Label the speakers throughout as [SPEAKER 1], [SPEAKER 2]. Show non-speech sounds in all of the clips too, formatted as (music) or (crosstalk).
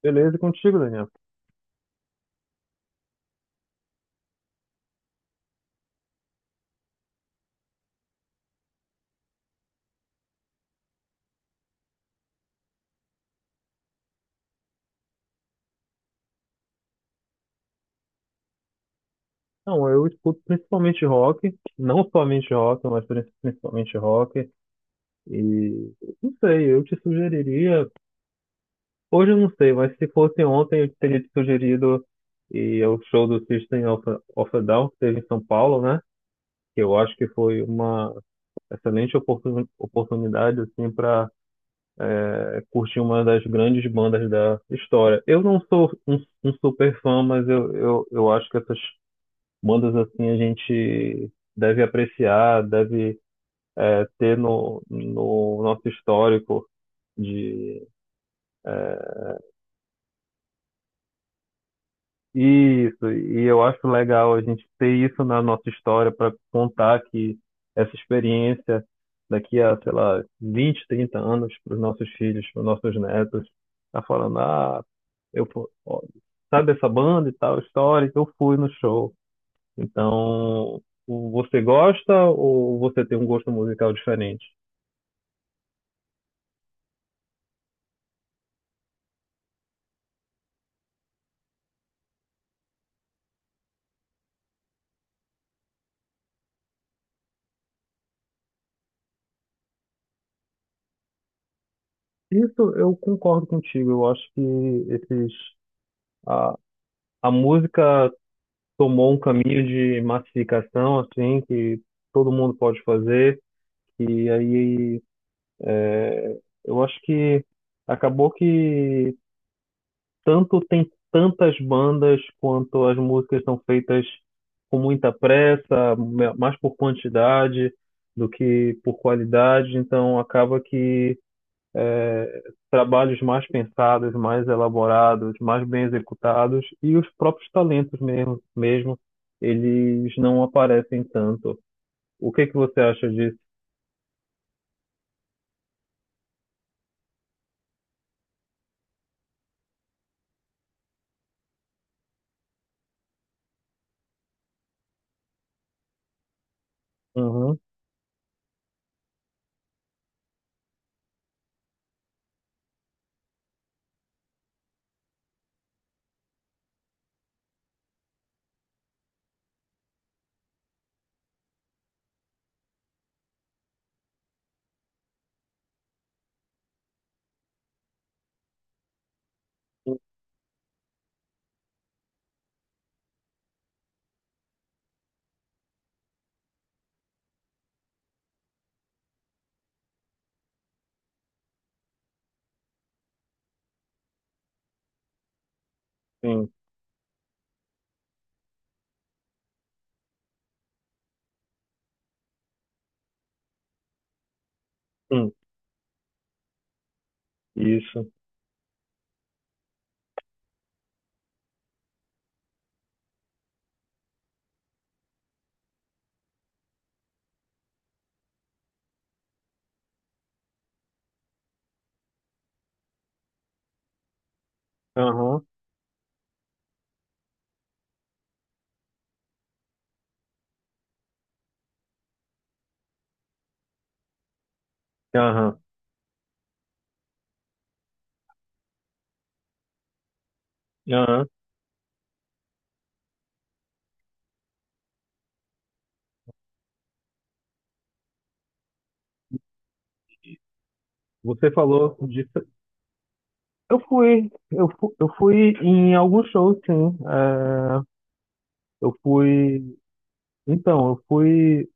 [SPEAKER 1] Beleza e contigo, Daniel? Não, eu escuto principalmente rock, não somente rock, mas principalmente rock. E não sei, eu te sugeriria. Hoje eu não sei, mas se fosse ontem eu teria te sugerido e é o show do System of a Down, que teve em São Paulo, né? Que eu acho que foi uma excelente oportunidade assim para curtir uma das grandes bandas da história. Eu não sou um super fã, mas eu acho que essas bandas assim a gente deve apreciar, deve ter no nosso histórico de. é, isso. E eu acho legal a gente ter isso na nossa história para contar que essa experiência daqui a, sei lá, 20, 30 anos para os nossos filhos, para os nossos netos, tá falando, ah, eu, ó, sabe essa banda e tal, histórica, eu fui no show. Então, você gosta ou você tem um gosto musical diferente? Isso eu concordo contigo. Eu acho que esses, a, a música tomou um caminho de massificação, assim, que todo mundo pode fazer. E aí, é, eu acho que acabou que tanto tem tantas bandas quanto as músicas são feitas com muita pressa, mais por quantidade do que por qualidade, então acaba que é, trabalhos mais pensados, mais elaborados, mais bem executados e os próprios talentos mesmo, mesmo eles não aparecem tanto. O que é que você acha disso? Uhum, sim, sim, isso. Aham, aham, aham. Você falou de. Eu fui em alguns shows, sim. É, eu fui. Então, eu fui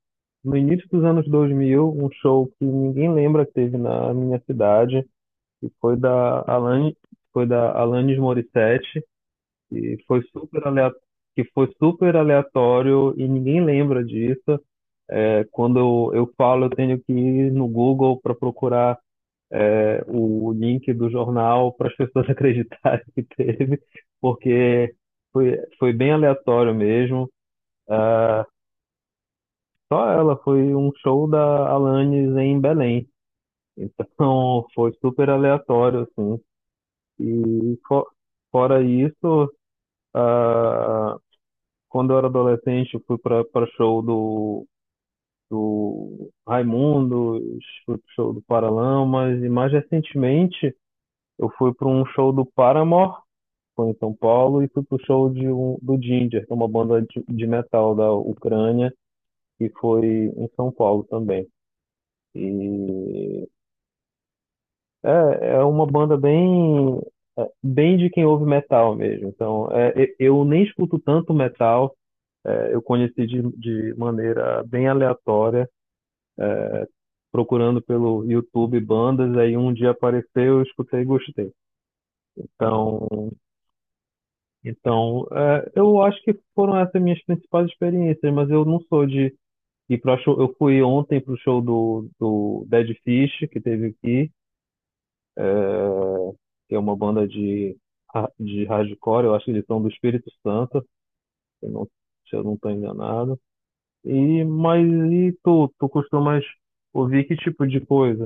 [SPEAKER 1] no início dos anos 2000, um show que ninguém lembra que teve na minha cidade, que foi da Alanis Morissette, e foi super aleatório, que foi super aleatório e ninguém lembra disso. É, quando eu falo, eu tenho que ir no Google para procurar o link do jornal para as pessoas (laughs) acreditarem que teve, porque foi bem aleatório mesmo. Ah, só ela foi um show da Alanis em Belém. Então (laughs) foi super aleatório, assim. E fora isso, ah, quando eu era adolescente, eu fui para show do Raimundos, fui pro show do Paralamas, e mais recentemente eu fui para um show do Paramore, foi em São Paulo e fui pro show do Ginger, que é uma banda de metal da Ucrânia, e foi em São Paulo também. E é, é uma banda bem bem de quem ouve metal mesmo. Então, eu nem escuto tanto metal, eu conheci de maneira bem aleatória, procurando pelo YouTube bandas, aí um dia apareceu, eu escutei e gostei. Então, eu acho que foram essas minhas principais experiências, mas eu não sou de. E pra show, eu fui ontem pro show do Dead Fish, que teve aqui, que é uma banda de hardcore, eu acho que eles são do Espírito Santo, se eu não, se eu não tô enganado. E, mas e tu costumas ouvir que tipo de coisa?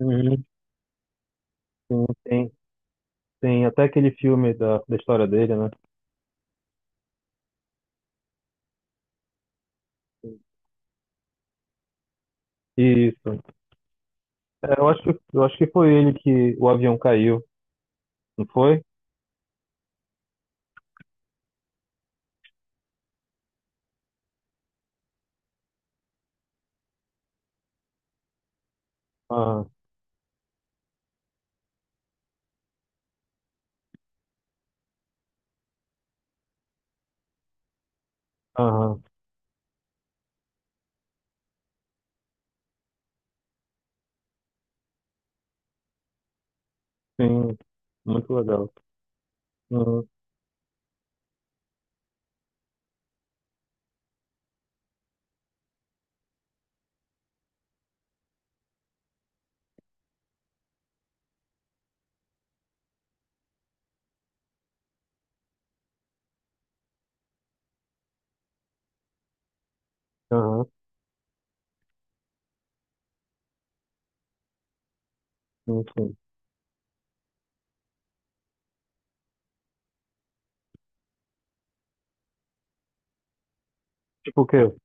[SPEAKER 1] Uhum. Sim, tem até aquele filme da história dele, né? Isso. Eu acho que foi ele que o avião caiu, não foi? Ah, aham, sim, muito legal. Uhum, aham, sim, sim. Porque eu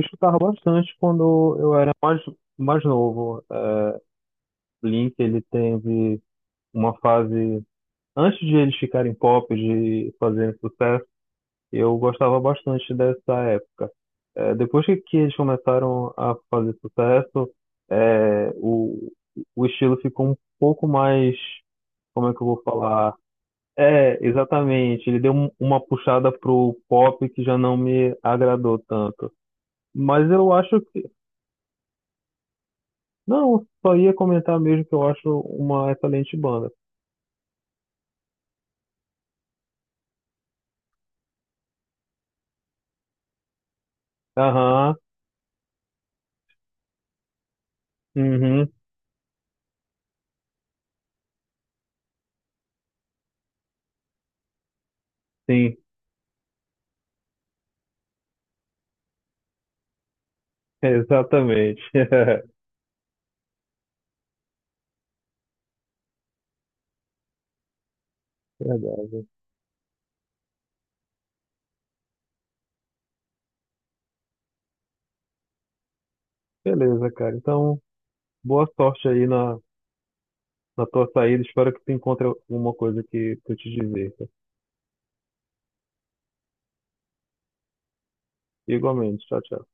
[SPEAKER 1] escutava bastante quando eu era mais novo. É, Blink, ele teve uma fase, antes de eles ficarem pop, de fazerem sucesso, eu gostava bastante dessa época. É, depois que eles começaram a fazer sucesso, é, o, o estilo ficou um pouco mais, como é que eu vou falar? É, exatamente. Ele deu uma puxada pro pop que já não me agradou tanto. Mas eu acho que. Não, só ia comentar mesmo que eu acho uma excelente banda. Aham, uhum, sim, (laughs) exatamente. (laughs) Verdade. Beleza, cara. Então, boa sorte aí na tua saída. Espero que tu encontre alguma coisa que eu te dizer. Igualmente. Tchau, tchau.